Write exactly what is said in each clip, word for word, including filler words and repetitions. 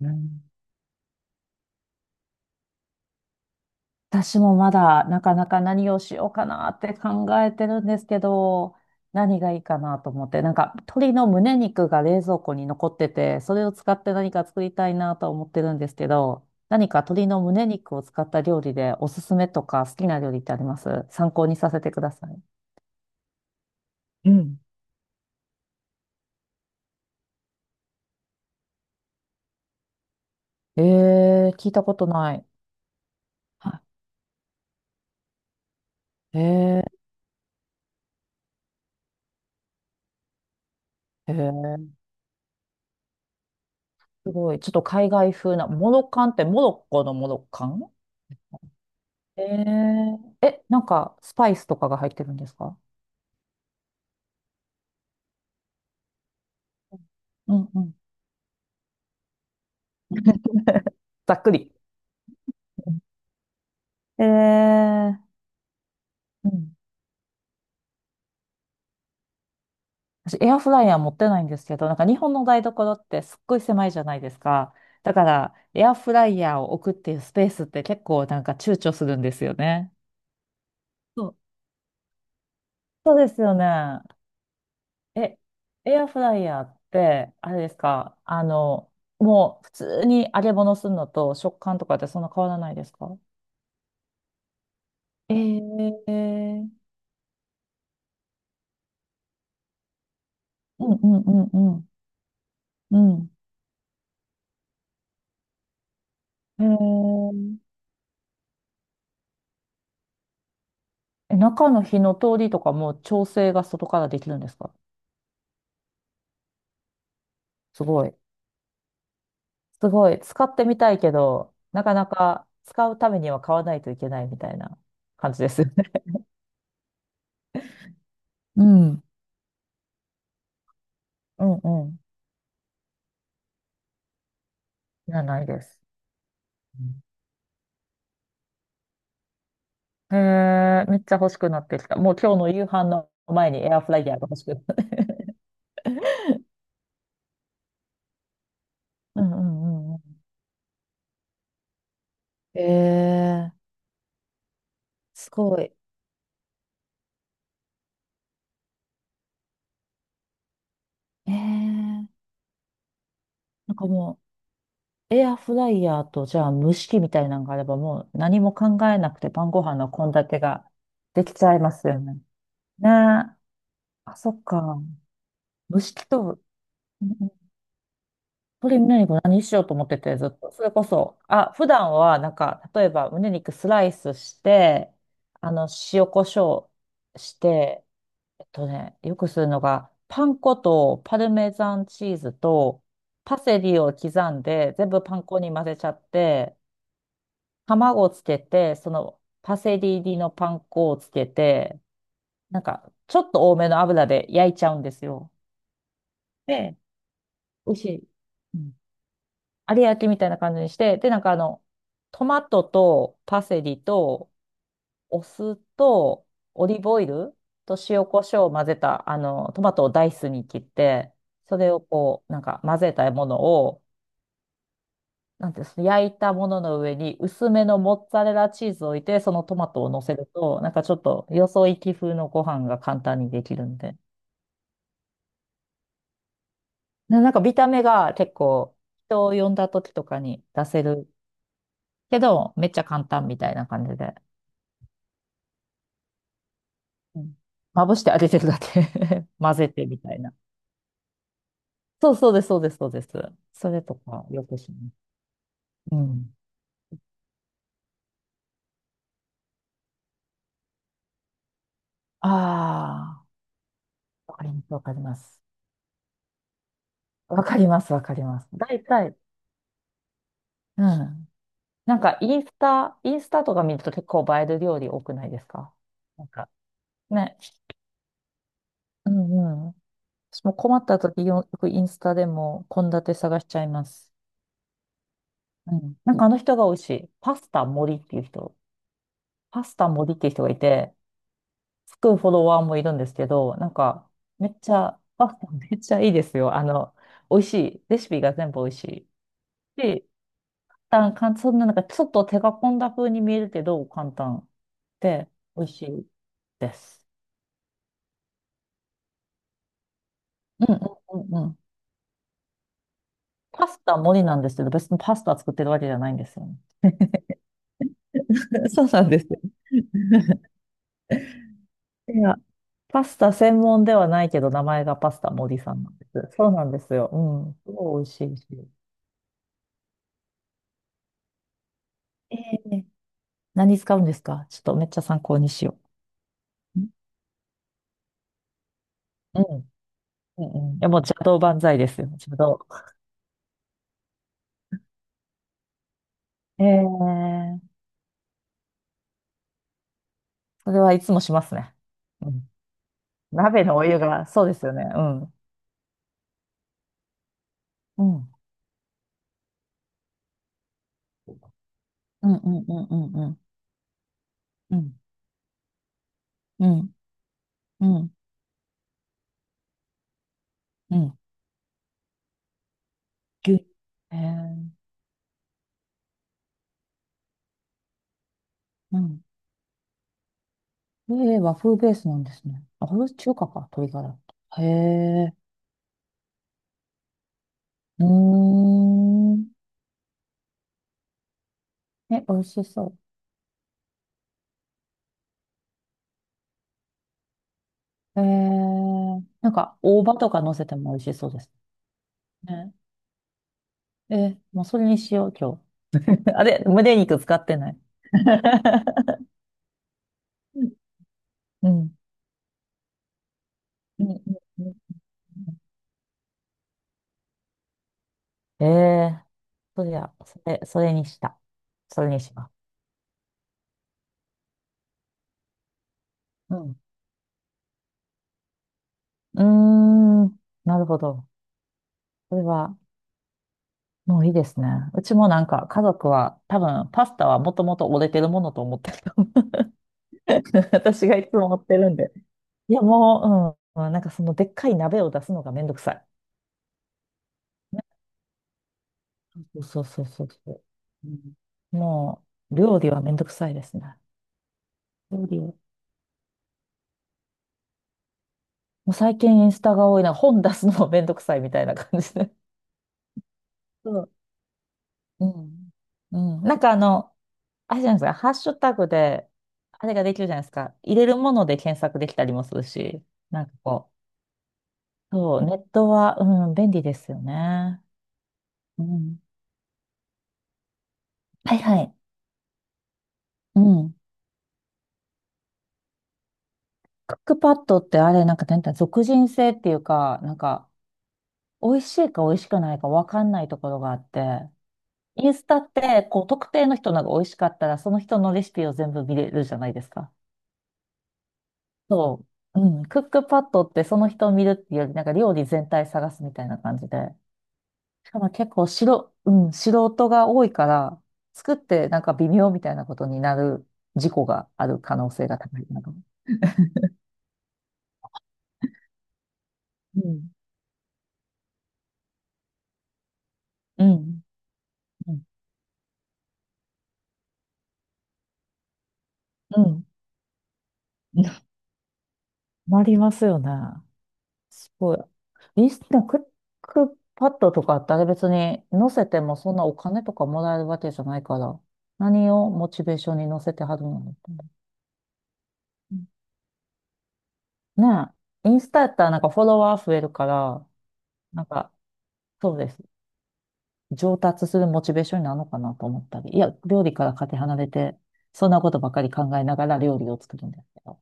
うん、私もまだなかなか何をしようかなって考えてるんですけど、何がいいかなと思って、なんか鶏の胸肉が冷蔵庫に残ってて、それを使って何か作りたいなと思ってるんですけど、何か鶏の胸肉を使った料理でおすすめとか好きな料理ってあります？参考にさせてください。うん。えー、聞いたことない。はい。えー、えー、すごい。ちょっと海外風な、モロカンってモロッコのモロカン？えー、え、なんか、スパイスとかが入ってるんですか？うんうん。ざっくり。うん。えー、うん。私、エアフライヤー持ってないんですけど、なんか日本の台所ってすっごい狭いじゃないですか。だから、エアフライヤーを置くっていうスペースって結構なんか躊躇するんですよね。そう。そうですよね。え、エアフライヤーって、あれですか、あの、もう普通に揚げ物するのと食感とかってそんな変わらないですか？えーうんうんうんうんうん。へえ。え、中の火の通りとかも調整が外からできるんですか？すごい。すごい。使ってみたいけど、なかなか使うためには買わないといけないみたいな感じですよね。うん。うんうん。いや、ないです。うん。へえ、めっちゃ欲しくなってきた。もう今日の夕飯の前にエアフライヤーが欲しくなった。うんうんうんうん。えーすごい。ええ、なんかもう、エアフライヤーと、じゃあ蒸し器みたいなのがあれば、もう何も考えなくて晩ご飯の献立ができちゃいますよね。ねえ。あ、そっか。蒸し器と、うん、鶏胸肉何しようと思ってて、ずっと。それこそ、あ、普段は、なんか、例えば胸肉スライスして、あの、塩コショウして、えっとね、よくするのが、パン粉とパルメザンチーズとパセリを刻んで、全部パン粉に混ぜちゃって、卵をつけて、そのパセリ入りのパン粉をつけて、なんか、ちょっと多めの油で焼いちゃうんですよ。で、美味しい。うん。有焼きみたいな感じにして、で、なんかあの、トマトとパセリとお酢とオリーブオイルと塩コショウを混ぜた、あの、トマトをダイスに切って、それをこう、なんか混ぜたものを、なんていうんですか、焼いたものの上に薄めのモッツァレラチーズを置いて、そのトマトを乗せると、なんかちょっとよそ行き風のご飯が簡単にできるんで。ななんか見た目が結構、人を呼んだ時とかに出せるけど、めっちゃ簡単みたいな感じで。うん。まぶしてあげてるだけ 混ぜてみたいな。そうそうです、そうです、そうです。それとかよくします。うん。ああ、わかります、わかります。わかります、わかります。大体、うん。なんか、インスタ、インスタとか見ると結構映える料理多くないですか？なんか、ね。うんうん。私も困った時よ、よくインスタでも献立探しちゃいます。うん。なんかあの人が美味しい。パスタ森っていう人。パスタ森っていう人がいて、つくフォロワーもいるんですけど、なんか、めっちゃ、パスタめっちゃいいですよ。あの、美味しい。レシピが全部美味しい。で、簡単、そんななんかちょっと手が込んだ風に見えるけど、簡単で、美味しいです。うんうんうんうん。パスタもりなんですけど、別にパスタ作ってるわけじゃないんですよね。そうなんです。いや、パスタ専門ではないけど、名前がパスタ森さんなんです。そうなんですよ。うん。すごい美味しいし。ええ、何使うんですか？ちょっとめっちゃ参考にしよう。ん。うん。うんうん。いや、もう邪道万歳ですよ。邪道。ええ。それはいつもしますね。うん。鍋のお湯が、そうですよね。うん。うん。うんうんうんうんうん。うん。うん。うん。うん。牛乳、へえ、うん。ええ、和風ベースなんですね。あ、これは中華か、鶏ガラ。へえ、うーん。え、美味しそう。ええ、なんか、大葉とか乗せても美味しそうですね。ええ、もうそれにしよう、今日。あれ、胸肉使ってない。うん。うんうんうんうん。ええ、そりゃ、それ、それにした。それにします。うん。うーん、なるほど。これは、もういいですね。うちもなんか家族は多分パスタはもともと折れてるものと思ってると思う 私がいつも持ってるんで。いやもう、うん、なんかそのでっかい鍋を出すのがめんどくさい。ね。そうそうそうそう。うん。もう料理はめんどくさいですね。料理もう最近インスタが多いな。本出すのもめんどくさいみたいな感じで。そう。うん。うん。なんかあの、あれじゃないですか、ハッシュタグで、あれができるじゃないですか。入れるもので検索できたりもするし、なんかこう、そう、ネットは、うん、便利ですよね。うん。はいはい。うん。クックパッドってあれ、なんか、なんていうの、属人性っていうか、なんか、美味しいか美味しくないか分かんないところがあって、インスタって、こう、特定の人のが美味しかったら、その人のレシピを全部見れるじゃないですか。そう。うん。クックパッドって、その人を見るっていうより、なんか料理全体探すみたいな感じで。しかも結構しろ、うん、素人が多いから、作ってなんか微妙みたいなことになる、事故がある可能性が高いなと。うん。うん。うん。うん。なりますよね。すごい。リスナークックパッドとかってあれ別に載せてもそんなお金とかもらえるわけじゃないから、何をモチベーションに載せてはるのって？ねえ。インスタやったらなんかフォロワー増えるから、なんか、そうです。上達するモチベーションになるのかなと思ったり、いや、料理からかけ離れて、そんなことばかり考えながら料理を作るんですけど。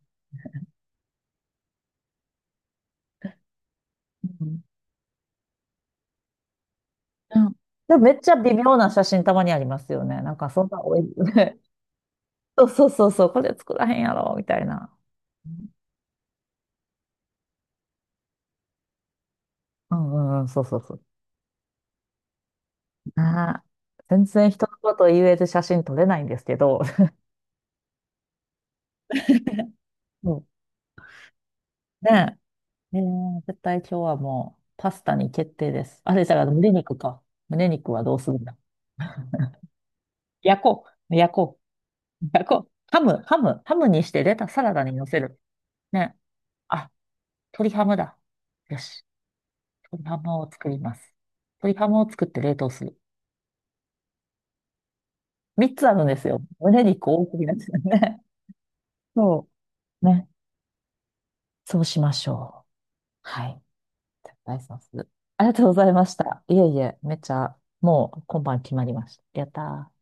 うん。うん。でもめっちゃ微妙な写真たまにありますよね。なんかそんなおい、そうそうそうそう、これ作らへんやろ、みたいな。うんうんうん、そうそうそう。あー、全然人のこと言える写真撮れないんですけど。うん。ねえ。えー絶対今日はもうパスタに決定です。あれ、だから胸肉か。胸肉はどうするんだ。焼こう。焼こう。あこう、ハム、ハム、ハムにして、レタ、サラダに乗せる。ね。あ、鶏ハムだ。よし。鶏ハムを作ります。鶏ハムを作って冷凍する。三つあるんですよ。胸肉多くなっちうね。そう。ね。そうしましょう。はい。絶対そうする。ありがとうございました。いえいえ、めっちゃ、もう今晩決まりました。やったー。